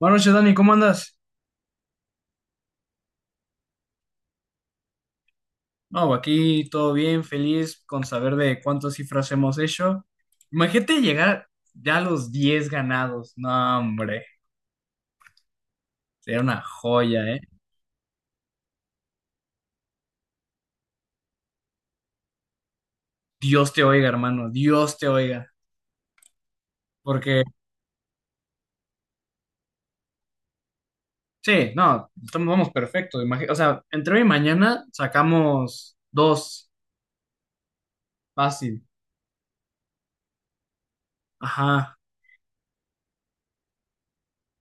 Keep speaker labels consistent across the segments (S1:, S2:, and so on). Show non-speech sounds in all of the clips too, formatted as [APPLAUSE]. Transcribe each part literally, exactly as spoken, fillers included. S1: Buenas noches, Dani, ¿cómo andas? No, aquí todo bien, feliz con saber de cuántas cifras hemos hecho. Imagínate llegar ya a los diez ganados. No, hombre, sería una joya, ¿eh? Dios te oiga, hermano, Dios te oiga. Porque sí, no, estamos, vamos perfecto. Imagi- o sea, entre hoy y mañana sacamos dos, fácil. Ajá.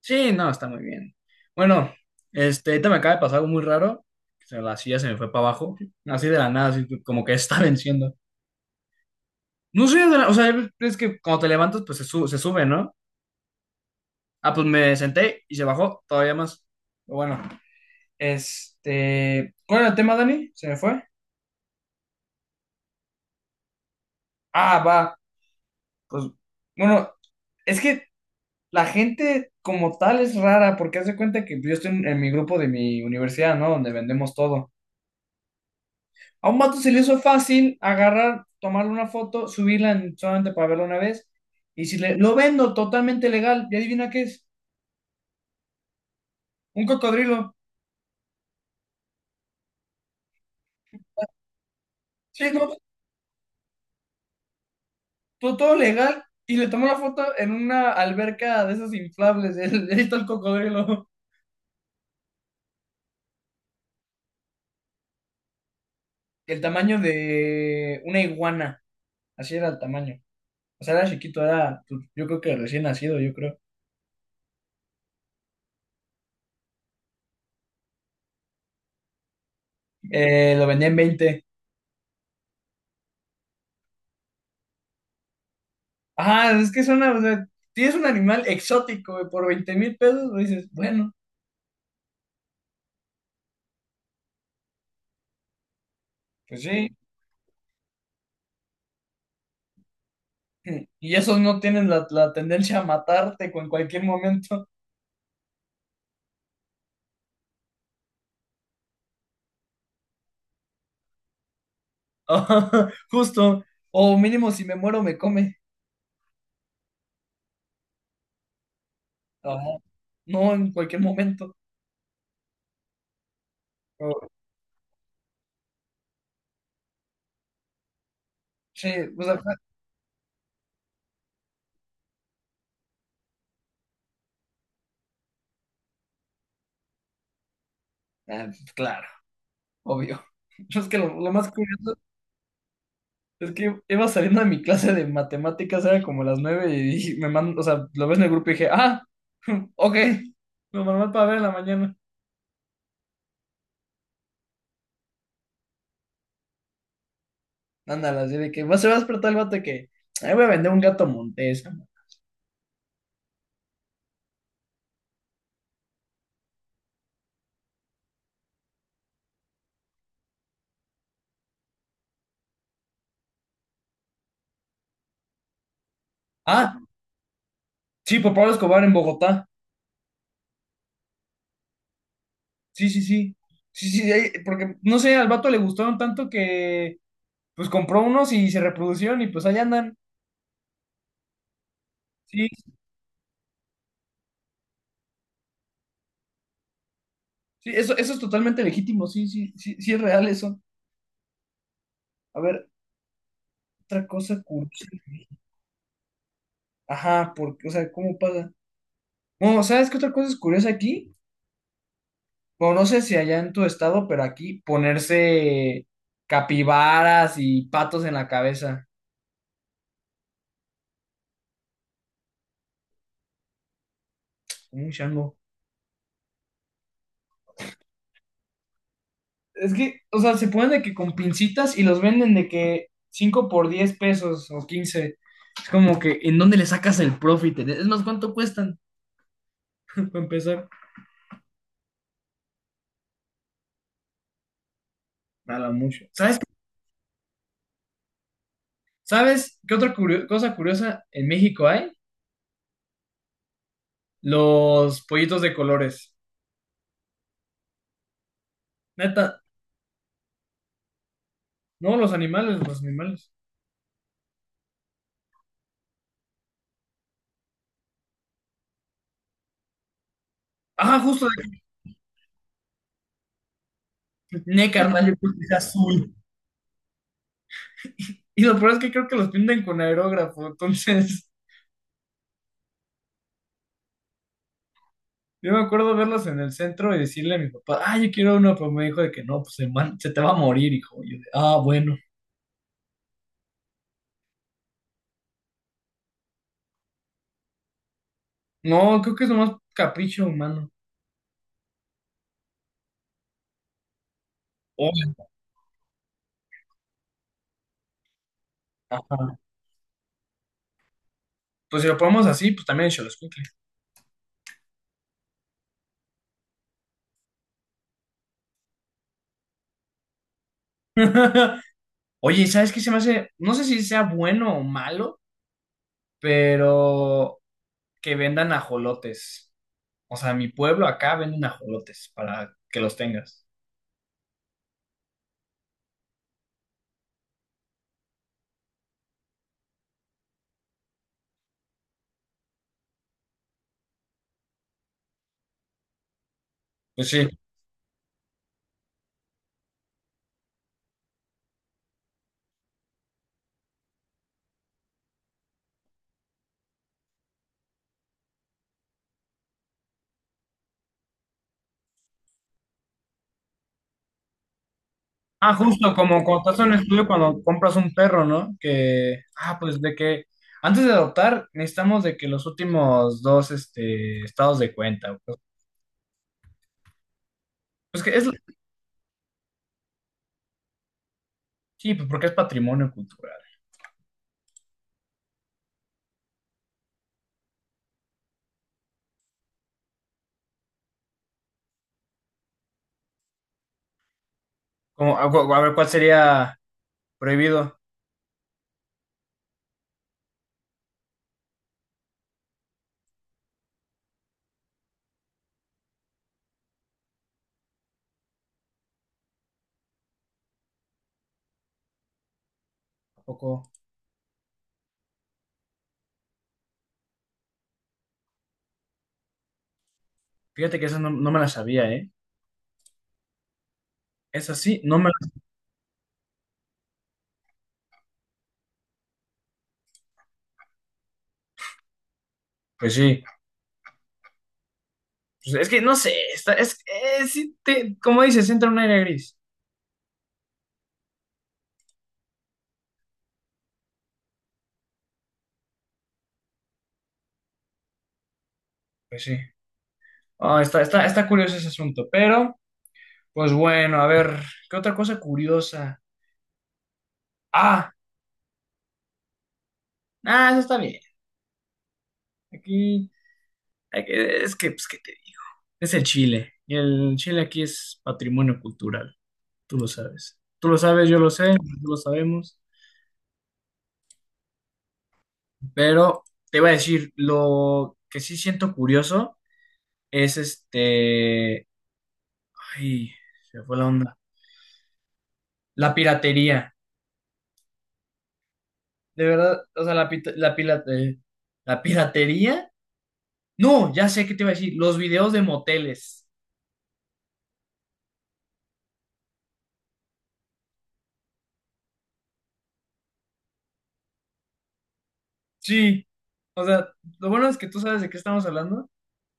S1: Sí, no, está muy bien. Bueno, este, ahorita me acaba de pasar algo muy raro. que se- La silla se me fue para abajo, así de la nada, así como que está [LAUGHS] venciendo. No sé, de la- o sea, es que cuando te levantas, pues se, su- se sube, ¿no? Ah, pues me senté y se bajó todavía más. Pero bueno, este, ¿cuál era el tema, Dani? Se me fue. Ah, va, pues, bueno, es que la gente como tal es rara, porque hace cuenta que yo estoy en, en mi grupo de mi universidad, ¿no? Donde vendemos todo. A un vato se le hizo fácil agarrar, tomarle una foto, subirla en- solamente para verla una vez. Y si le, lo vendo totalmente legal, y adivina qué es, un cocodrilo. Sí, no, todo, todo legal. Y le tomó la foto en una alberca de esas inflables. [LAUGHS] el- Ahí está el cocodrilo. El tamaño de una iguana. Así era el tamaño. O sea, era chiquito, era, pues, yo creo que recién nacido, yo creo. Eh, lo vendía en veinte. Ajá, es que es una, o sea, tienes un animal exótico, güey, por veinte mil pesos, pues dices, bueno. Pues sí, y esos no tienen la, la tendencia a matarte con cualquier momento. [LAUGHS] Ajá, justo. O mínimo si me muero me come. Ajá, no en cualquier momento. O- sí, o sea, ah, claro, obvio. [LAUGHS] Yo Es que lo, lo más curioso es que iba saliendo de mi clase de matemáticas, era como las nueve y dije- me mando, o sea, lo ves en el grupo y dije, ah, [LAUGHS] ok, lo normal para ver en la mañana. Ándala, así de que "Va- se va a despertar el vato de que, ahí voy a vender un gato montés". Ah, sí, por Pablo Escobar en Bogotá. Sí, sí, sí. Sí, sí, ahí- porque no sé, al vato le gustaron tanto que pues compró unos y se reproducieron y pues allá andan. Sí, sí, eso, eso es totalmente legítimo, sí, sí, sí, sí es real eso. A ver, otra cosa curiosa. Ajá, porque, o sea, ¿cómo pasa? Bueno, ¿sabes qué otra cosa es curiosa aquí? Bueno, no sé si allá en tu estado, pero aquí ponerse capibaras y patos en la cabeza. Un chango. Es que, o sea, se ponen de que con pincitas y los venden de que cinco por diez pesos o quince. Es como que, ¿en dónde le sacas el profit? Es más, ¿cuánto cuestan? [LAUGHS] Para empezar, nada mucho. ¿Sabes, ¿sabes qué otra curio- cosa curiosa en México hay? Los pollitos de colores. Neta, no, los animales, los animales. Ah, justo de que, ne, carnal, yo puse azul. [LAUGHS] Y lo peor es que creo que los pintan con aerógrafo, entonces. Yo me acuerdo verlos en el centro y decirle a mi papá, ah, yo quiero uno, pero me dijo de que no, pues hermano se te va a morir, hijo. Y yo de, ah, bueno. No, creo que es nomás capricho humano. Oye, ajá. Pues si lo ponemos así, pues también Xoloescuincle. [LAUGHS] Oye, ¿sabes qué se me hace? No sé si sea bueno o malo, pero que vendan ajolotes. O sea, en mi pueblo acá venden ajolotes para que los tengas. Pues sí. Ah, justo, como cuando estás en un estudio cuando compras un perro, ¿no? Que, ah, pues de que antes de adoptar necesitamos de que los últimos dos, este, estados de cuenta. Pues, pues que es, sí, pues porque es patrimonio cultural. Como, a, a ver, ¿cuál sería prohibido? ¿A poco? Fíjate que esa no, no me la sabía, ¿eh? Esa sí, no me la... Pues sí, pues es que no sé, está, es, eh, sí te- como dices, entra un aire gris. Pues sí. Ah, está, está, está curioso ese asunto, pero, pues bueno, a ver, ¿qué otra cosa curiosa? Ah, ah, eso está bien. Aquí, aquí- es que, pues, ¿qué te digo? Es el Chile. Y el Chile aquí es patrimonio cultural. Tú lo sabes. Tú lo sabes, yo lo sé, tú lo sabemos. Pero te voy a decir, lo que sí siento curioso es este. Ay, se me fue la onda. La piratería. De verdad, o sea, la, pita- la, pila- eh, la piratería. No, ya sé qué te iba a decir. Los videos de moteles. Sí. O sea, lo bueno es que tú sabes de qué estamos hablando.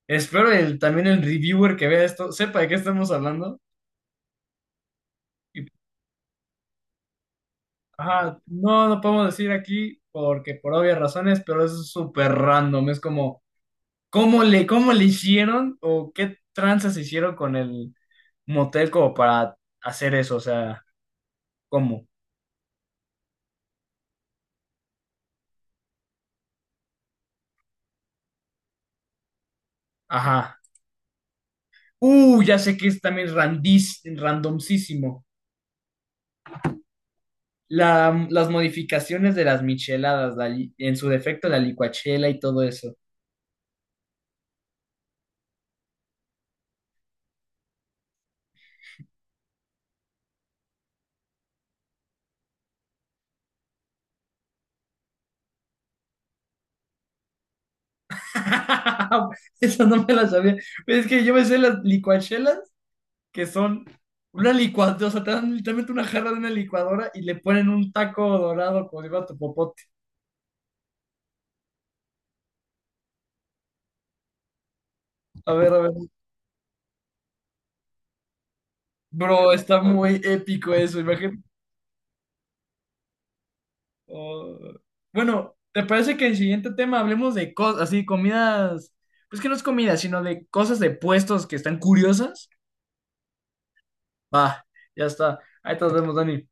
S1: Espero el, también el reviewer que vea esto sepa de qué estamos hablando. Y, ajá, no, no podemos decir aquí porque por obvias razones, pero es súper random. Es como, ¿cómo le, ¿cómo le hicieron o qué tranzas hicieron con el motel como para hacer eso? O sea, ¿cómo? Ajá. Uh, ya sé que es también randis, randomísimo. La, las modificaciones de las micheladas, la li- en su defecto la licuachela y todo eso. [LAUGHS] esa no me la sabía. Es que yo me sé las licuachelas, que son una licuadora, o sea, te dan literalmente una jarra de una licuadora y le ponen un taco dorado como digo a tu popote. A ver, a ver. Bro, está muy épico eso, imagínate. Oh. Bueno, ¿te parece que el siguiente tema hablemos de cosas, así, comidas? Pues que no es comida, sino de cosas de puestos que están curiosas. Va, ya está. Ahí te nos vemos, Dani.